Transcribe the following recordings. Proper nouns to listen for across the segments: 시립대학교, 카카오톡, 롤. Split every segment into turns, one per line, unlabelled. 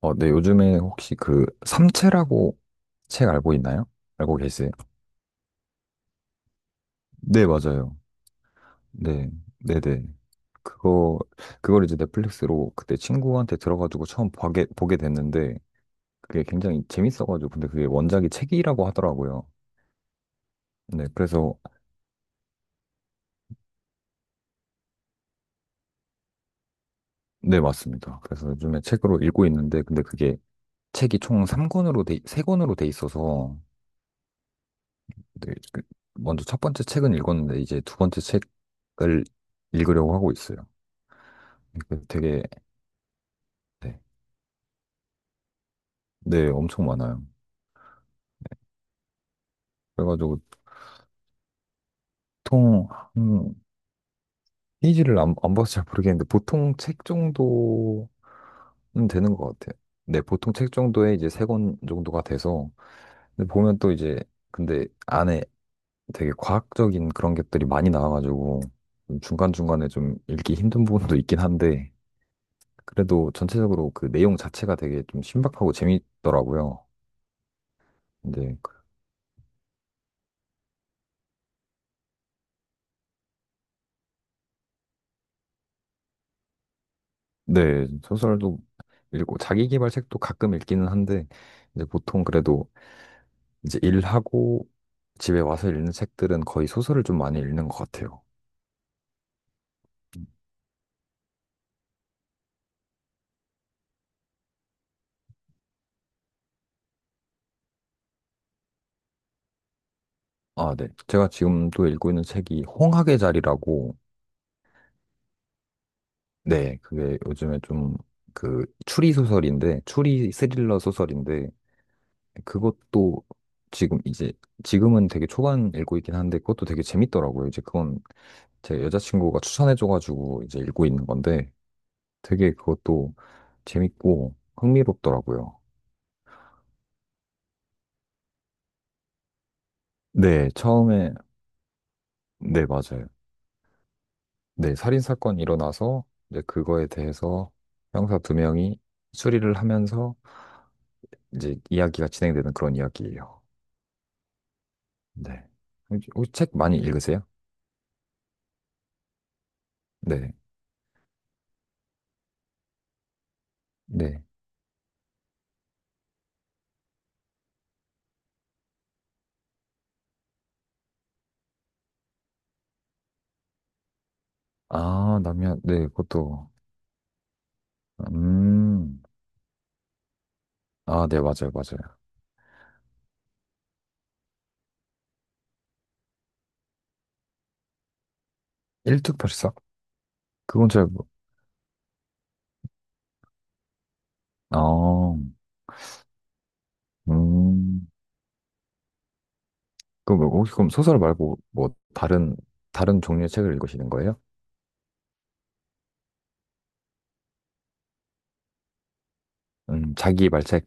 네, 요즘에 혹시 그 삼체라고 책 알고 있나요? 알고 계세요? 네, 맞아요. 네, 네네. 그거, 그걸 이제 넷플릭스로 그때 친구한테 들어가지고 처음 보게 됐는데, 그게 굉장히 재밌어가지고, 근데 그게 원작이 책이라고 하더라고요. 네, 그래서, 네, 맞습니다. 그래서 요즘에 책으로 읽고 있는데, 근데 그게 책이 총 3권으로 돼 있어서, 네, 그 먼저 첫 번째 책은 읽었는데, 이제 두 번째 책을 읽으려고 하고 있어요. 네, 그 되게 네, 네, 엄청 많아요. 그래가지고 보통 한 페이지를 안 봐서 잘 모르겠는데 보통 책 정도는 되는 것 같아요. 네, 보통 책 정도에 이제 세 권 정도가 돼서 근데 보면 또 이제 근데 안에 되게 과학적인 그런 것들이 많이 나와가지고 좀 중간중간에 좀 읽기 힘든 부분도 있긴 한데 그래도 전체적으로 그 내용 자체가 되게 좀 신박하고 재밌더라고요. 네, 네, 소설도 읽고 자기계발 책도 가끔 읽기는 한데 이제 보통 그래도 이제 일하고 집에 와서 읽는 책들은 거의 소설을 좀 많이 읽는 것 같아요. 아, 네. 제가 지금 또 읽고 있는 책이 홍학의 자리라고 네, 그게 요즘에 좀 그 추리 소설인데 추리 스릴러 소설인데 그것도 지금 이제 지금은 되게 초반 읽고 있긴 한데 그것도 되게 재밌더라고요. 이제 그건 제 여자친구가 추천해줘가지고 이제 읽고 있는 건데 되게 그것도 재밌고 흥미롭더라고요. 네, 처음에, 네, 맞아요. 네, 살인사건이 일어나서 이제 그거에 대해서 형사 두 명이 수리를 하면서 이제 이야기가 진행되는 그런 이야기예요. 네. 혹시 책 많이 읽으세요? 네, 네. 아, 남면, 네, 그것도, 음, 아, 네, 맞아요, 맞아요. 일특별사? 그건 잘. 아, 음. 그럼 뭐 혹시 그럼 소설 말고 뭐 다른 종류의 책을 읽으시는 거예요? 자기 말책.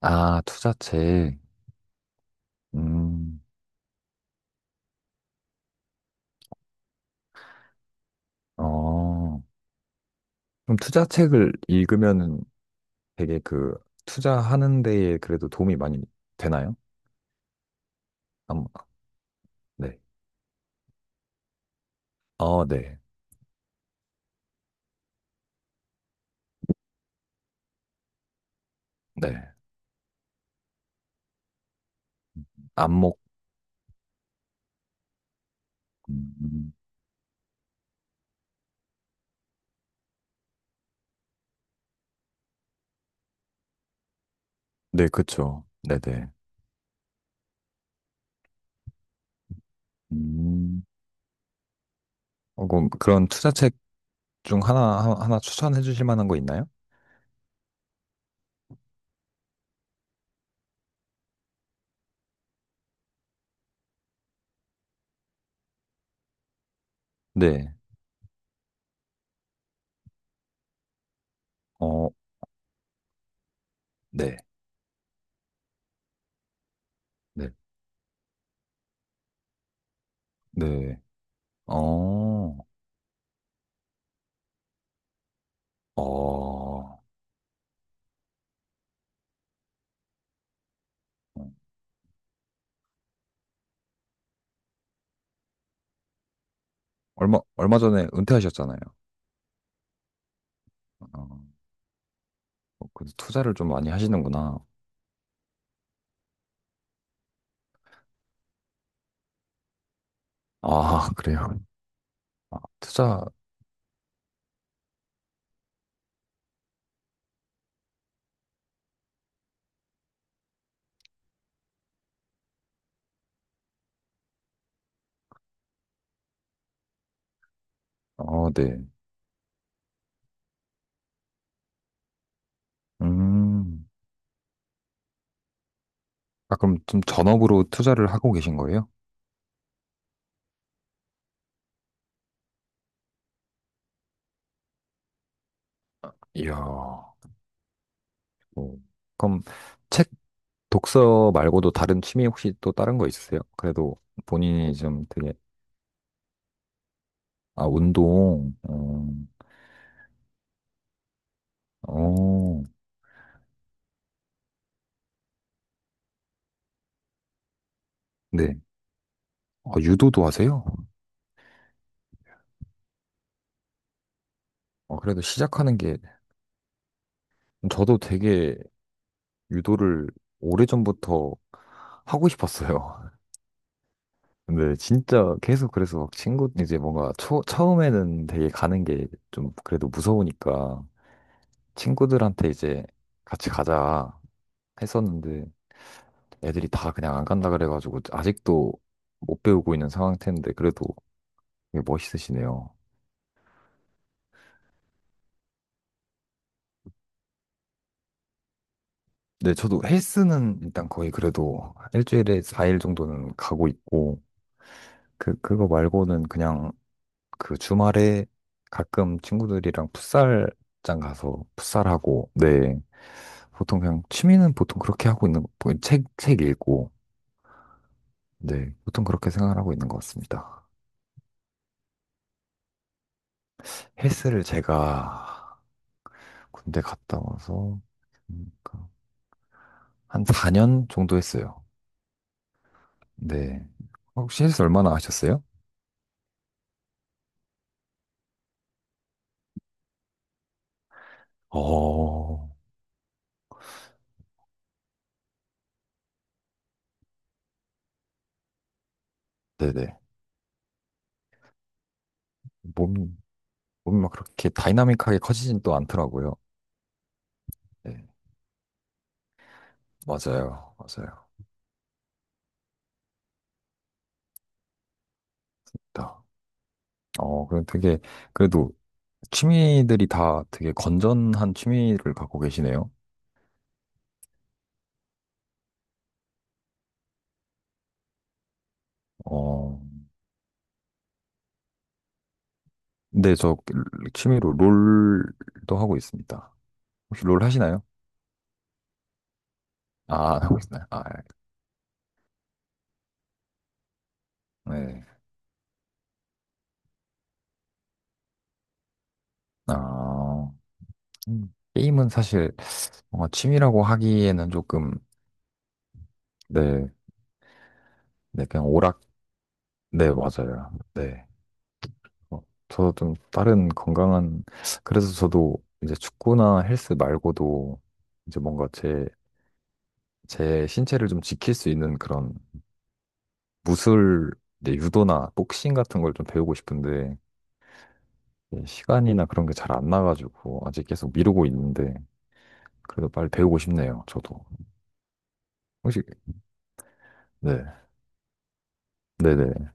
아, 투자책. 음, 어. 그럼 투자책을 읽으면은 되게 그 투자하는 데에 그래도 도움이 많이 되나요? 암, 네. 어, 네. 네. 안목. 음, 네, 그쵸. 네네. 음, 그럼 그런 투자책 중 하나 추천해 주실 만한 거 있나요? 네. 어, 네. 네. 네. 어. 어, 얼마 전에 은퇴하셨잖아요. 어, 그래서 투자를 좀 많이 하시는구나. 아, 그래요. 아, 투자, 어, 네. 음, 아, 그럼 좀 전업으로 투자를 하고 계신 거예요? 이야, 어, 그럼 책 독서 말고도 다른 취미 혹시 또 다른 거 있으세요? 그래도 본인이 좀 되게, 아, 운동, 어, 네. 아, 유도도 하세요? 그래도 시작하는 게, 저도 되게 유도를 오래전부터 하고 싶었어요. 근데 진짜 계속 그래서 막 친구 이제 뭔가 처음에는 되게 가는 게 좀 그래도 무서우니까 친구들한테 이제 같이 가자 했었는데 애들이 다 그냥 안 간다 그래가지고 아직도 못 배우고 있는 상태인데 그래도 되게 멋있으시네요. 네, 저도 헬스는 일단 거의 그래도 일주일에 4일 정도는 가고 있고 그거 말고는 그냥 그 주말에 가끔 친구들이랑 풋살장 가서 풋살하고, 네. 보통 그냥 취미는 보통 그렇게 하고 있는, 뭐 책 읽고, 네. 보통 그렇게 생각을 하고 있는 것 같습니다. 헬스를 제가 군대 갔다 와서, 그러니까 한 4년 정도 했어요. 네. 혹시 헬스 얼마나 하셨어요? 어, 네네. 몸이, 몸이 막 그렇게 다이나믹하게 커지진 또 않더라고요. 네. 맞아요. 맞아요. 그럼 되게, 그래도 취미들이 다 되게 건전한 취미를 갖고 계시네요. 어, 근데 저 그 취미로 롤도 하고 있습니다. 혹시 롤 하시나요? 아, 안 하고 있나요? 아, 예. 네. 아, 게임은 사실 뭔가 취미라고 하기에는 조금, 네, 네, 그냥 오락, 네, 맞아요. 네. 어, 저도 좀 다른 건강한, 그래서 저도 이제 축구나 헬스 말고도 이제 뭔가 제 신체를 좀 지킬 수 있는 그런 무술, 이제 유도나 복싱 같은 걸 좀 배우고 싶은데 예, 시간이나 그런 게 잘 안 나가지고 아직 계속 미루고 있는데 그래도 빨리 배우고 싶네요. 저도 혹시 네, 네네,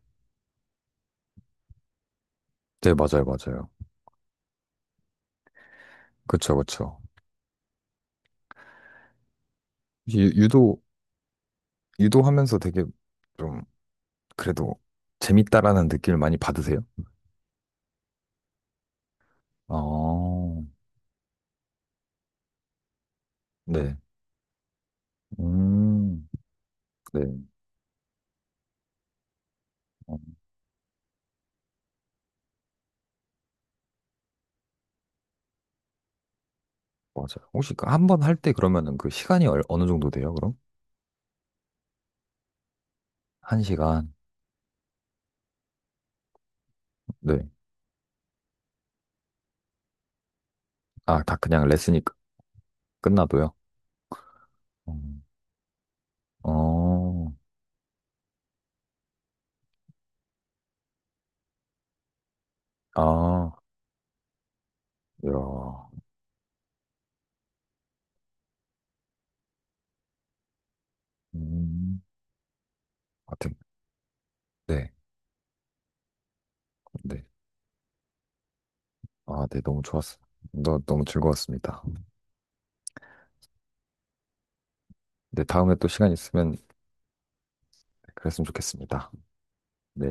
네 맞아요, 맞아요. 그쵸, 그쵸. 유도 유도하면서 되게 좀 그래도 재밌다라는 느낌을 많이 받으세요? 아, 네, 음, 네, 어, 맞아요. 혹시 그 한번 할 때 그러면은 그 시간이 어느 정도 돼요, 그럼? 한 시간. 네. 아, 다 그냥 레슨이 끝나도요? 음. 어, 아, 야, 음, 하여튼, 네, 네. 아, 네, 너무 좋았어. 너무 즐거웠습니다. 네, 다음에 또 시간 있으면 그랬으면 좋겠습니다. 네.